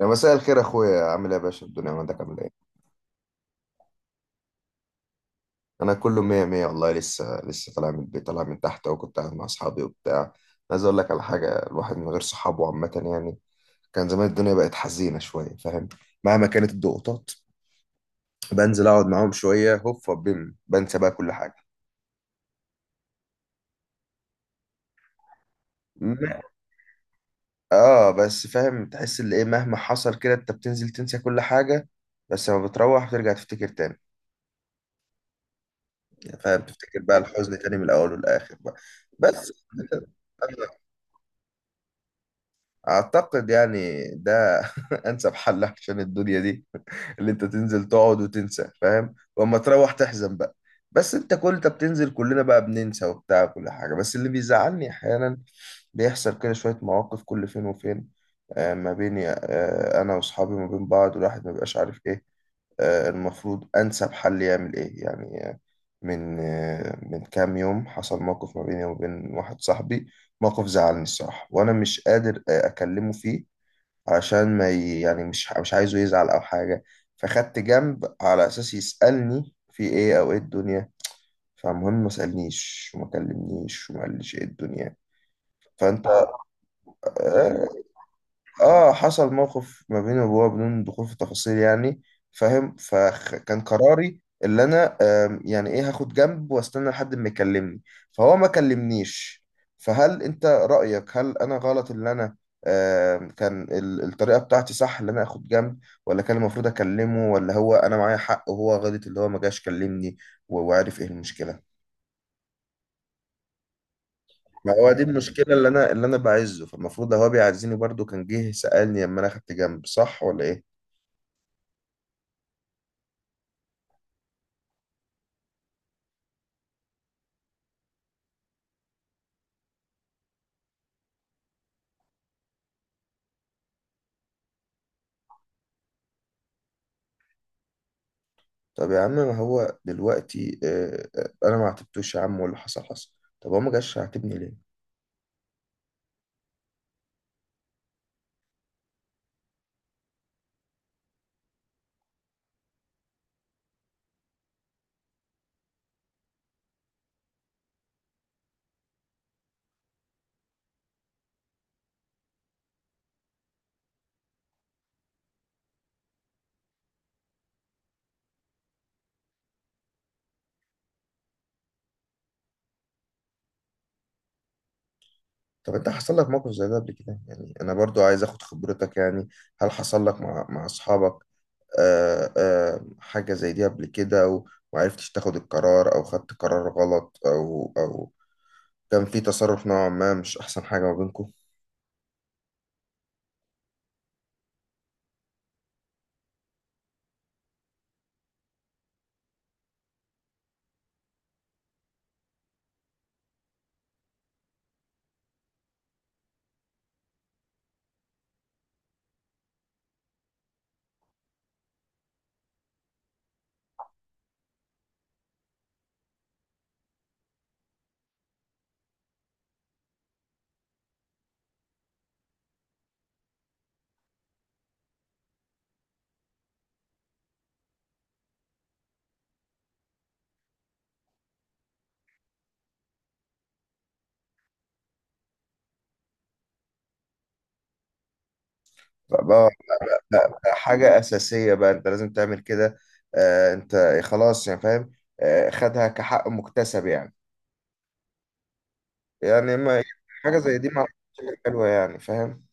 يا مساء الخير يا اخويا، عامل ايه يا باشا؟ الدنيا عندك عامل ايه؟ انا كله مية مية والله. لسه طالع من البيت، طالع من تحت، وكنت قاعد مع اصحابي وبتاع. عايز اقول لك على حاجه، الواحد من غير صحابه عامه يعني كان زمان الدنيا بقت حزينه شويه، فاهم؟ مهما كانت الضغوطات، بنزل اقعد معاهم شويه، هوب بيم، بنسى بقى كل حاجه. م- اه بس فاهم، تحس ان ايه مهما حصل كده انت بتنزل تنسى كل حاجه. بس لما بتروح بترجع تفتكر تاني. يعني فاهم، تفتكر بقى الحزن تاني من الاول والاخر بقى. بس أعتقد يعني ده أنسب حل عشان الدنيا دي، اللي انت تنزل تقعد وتنسى، فاهم؟ واما تروح تحزن بقى. بس انت كل انت بتنزل، كلنا بقى بننسى وبتاع كل حاجة، بس اللي بيزعلني احيانا بيحصل كده شوية مواقف كل فين وفين. ما بيني انا واصحابي ما بين بعض، والواحد ما بيبقاش عارف ايه المفروض أنسب حل يعمل إيه يعني. من كام يوم حصل موقف ما بيني وبين واحد صاحبي، موقف زعلني الصراحة، وأنا مش قادر أكلمه فيه عشان ما ي... يعني مش عايزه يزعل او حاجه. فخدت جنب على اساس يسالني في ايه او ايه الدنيا. فالمهم ما سالنيش وما كلمنيش وما قاليش ايه الدنيا. فانت آه، اه حصل موقف ما بيني وبابا بدون دخول في التفاصيل يعني، فاهم. فكان قراري اللي انا يعني ايه، هاخد جنب واستنى لحد ما يكلمني. فهو ما كلمنيش. فهل انت رأيك هل انا غلط؟ اللي انا كان الطريقة بتاعتي صح اللي انا اخد جنب، ولا كان المفروض اكلمه، ولا هو انا معايا حق وهو غلط اللي هو ما جاش كلمني؟ وعارف ايه المشكلة؟ ما هو دي المشكلة، اللي انا اللي انا بعزه، فالمفروض هو بيعزني برضو، كان جه سألني لما انا اخدت جنب، صح ولا ايه؟ طب يا عم، ما هو دلوقتي انا ما عاتبتوش يا عم، واللي حصل حصل. طب هو ما جاش يعاتبني ليه؟ طب انت حصل لك موقف زي ده قبل كده يعني؟ انا برضو عايز اخد خبرتك يعني. هل حصل لك مع مع اصحابك حاجة زي دي قبل كده؟ ومعرفتش تاخد القرار، او خدت قرار غلط، او او كان في تصرف نوعا ما مش احسن حاجة ما بينكم؟ بقى بقى- بقى حاجة أساسية بقى، أنت لازم تعمل كده. أنت خلاص يعني، فاهم. خدها كحق مكتسب يعني. يعني ما حاجة زي دي مع، حلوة يعني فاهم.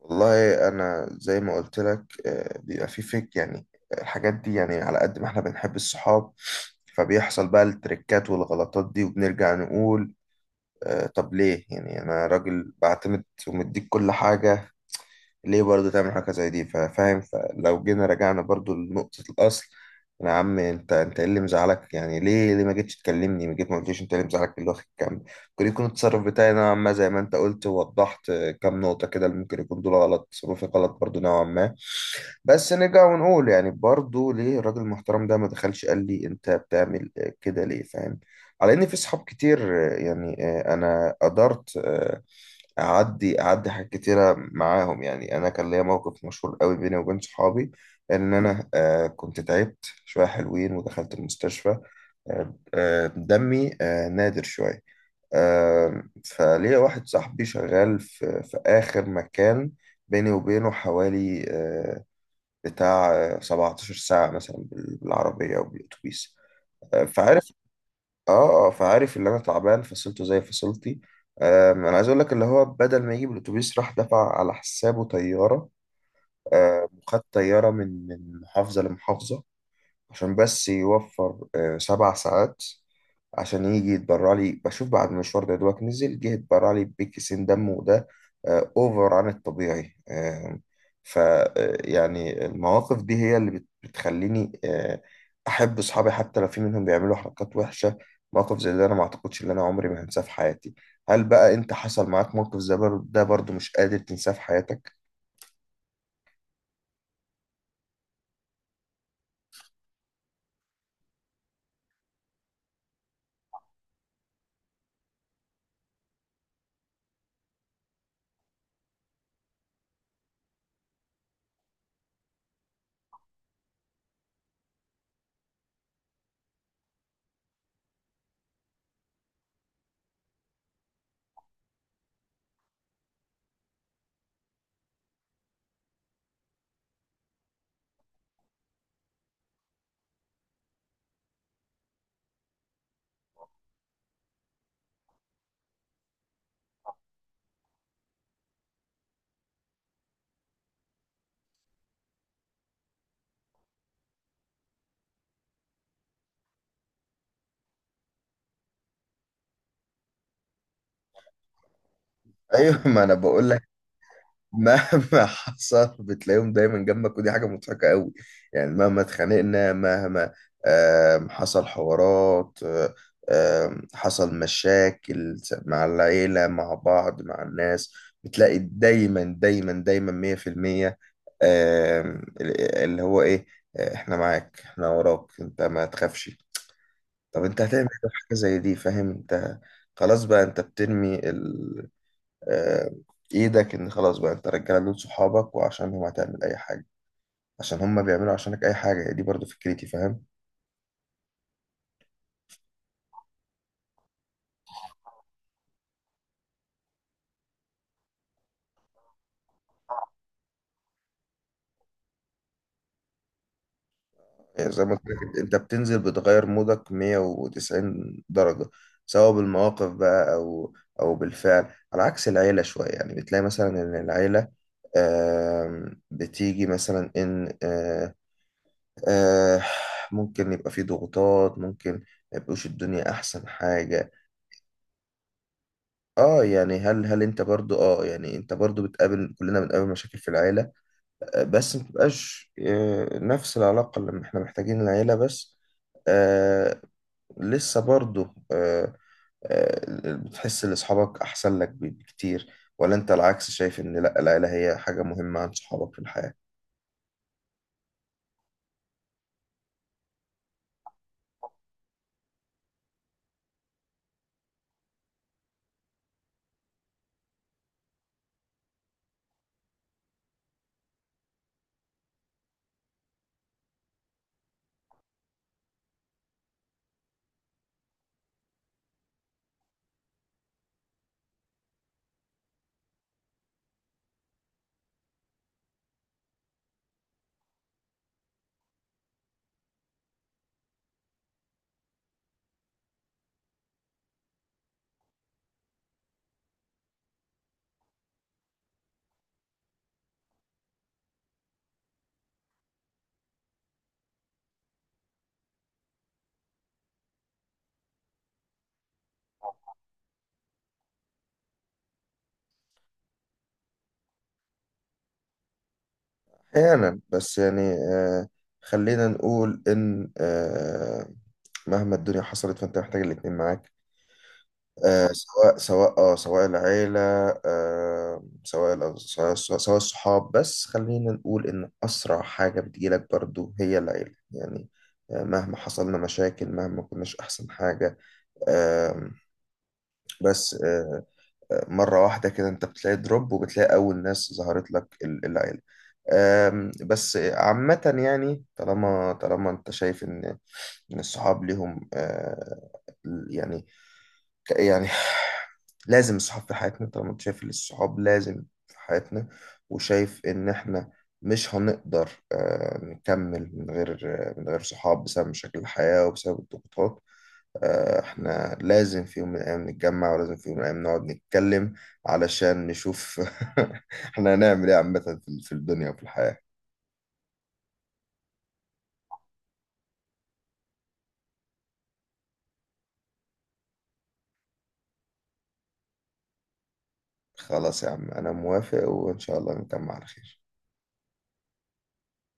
والله أنا زي ما قلت لك، بيبقى في فيك يعني الحاجات دي. يعني على قد ما احنا بنحب الصحاب، فبيحصل بقى التريكات والغلطات دي، وبنرجع نقول طب ليه يعني؟ أنا راجل بعتمد ومديك كل حاجة، ليه برضه تعمل حاجة زي دي؟ فاهم. فلو جينا رجعنا برضه لنقطة الأصل، يا عم انت، انت ايه اللي مزعلك يعني؟ ليه ما جيتش تكلمني؟ ما جيت ما قلتليش انت إيه اللي مزعلك، اللي واخد كام. ممكن يكون التصرف بتاعي نوعا ما زي ما انت قلت ووضحت كام نقطة كده، اللي ممكن يكون دول غلط، تصرفي غلط برضه نوعا ما. بس نرجع ونقول يعني برضه ليه الراجل المحترم ده ما دخلش قال لي انت بتعمل كده ليه؟ فاهم. على ان في صحاب كتير. يعني انا قدرت اعدي حاجات كتيره معاهم. يعني انا كان ليا موقف مشهور قوي بيني وبين صحابي، ان انا كنت تعبت شويه حلوين ودخلت المستشفى. دمي نادر شويه. فليا واحد صاحبي شغال في في اخر مكان، بيني وبينه حوالي بتاع 17 ساعة مثلا بالعربية أو بالأتوبيس. فعارف اه اه فعارف اللي أنا تعبان، فصلته زي فصلتي. أنا عايز أقول لك، اللي هو بدل ما يجيب الأتوبيس، راح دفع على حسابه طيارة. وخد طيارة من من محافظة لمحافظة عشان بس يوفر 7 ساعات، عشان يجي يتبرع لي. بشوف بعد المشوار ده دوت نزل جه يتبرع لي بكيسين دم، وده اوفر عن الطبيعي. آه، ف آه، يعني المواقف دي هي اللي بتخليني احب اصحابي حتى لو في منهم بيعملوا حركات وحشة. موقف زي ده انا ما اعتقدش ان انا عمري ما هنساه في حياتي. هل بقى انت حصل معاك موقف زي ده برضو مش قادر تنساه في حياتك؟ ايوه، ما انا بقول مهما حصل بتلاقيهم دايما جنبك، ودي حاجة مضحكة قوي. يعني مهما اتخانقنا، مهما حصل حوارات، آه، آم، حصل مشاكل مع العيلة، مع بعض، مع الناس، بتلاقي دايما دايما دايما 100% اللي هو ايه احنا معاك، احنا وراك، انت ما تخافش. طب انت هتعمل إيه في حاجة زي دي؟ فاهم. انت خلاص بقى، انت بترمي آه، ايدك، ان خلاص بقى انت، رجاله دول صحابك، وعشانهم هتعمل اي حاجه، عشان هم بيعملوا عشانك اي حاجه. هي دي برضو فكرتي، فاهم. يعني زي ما قلت لك انت بتنزل بتغير مودك 190 درجه، سواء بالمواقف بقى، او او بالفعل. على عكس العيله شويه، يعني بتلاقي مثلا ان العيله بتيجي مثلا ان آه، ممكن يبقى في ضغوطات، ممكن ما يبقوش الدنيا احسن حاجه. اه يعني هل انت برضو اه يعني انت برضو بتقابل، كلنا بنقابل مشاكل في العيلة بس ما بتبقاش نفس العلاقة اللي احنا محتاجين العيلة بس. آه لسه برضو آه آه بتحس ان اصحابك احسن لك بكتير، ولا انت العكس شايف ان لا العيلة هي حاجة مهمة عن صحابك في الحياة؟ احيانا بس يعني خلينا نقول ان مهما الدنيا حصلت فانت محتاج الاتنين معاك، سواء العيلة سواء سواء الصحاب. بس خلينا نقول إن أسرع حاجة بتجيلك برضو هي العيلة يعني، مهما حصلنا مشاكل، مهما كناش أحسن حاجة. آه بس آه آه، مرة واحدة كده أنت بتلاقي دروب، وبتلاقي أول ناس ظهرت لك العيلة. بس عامة يعني، طالما أنت شايف إن إن الصحاب ليهم يعني ك- يعني لازم الصحاب في حياتنا، طالما انت شايف ان الصحاب لازم في حياتنا، وشايف ان احنا مش هنقدر نكمل من غير من غير صحاب بسبب مشاكل الحياة وبسبب الضغوطات. احنا لازم في يوم من الايام نتجمع، ولازم في يوم من الايام نقعد نتكلم، علشان نشوف احنا هنعمل ايه عامة في في الدنيا وفي الحياة. خلاص يا عم، انا موافق، وان شاء الله نكمل على خير.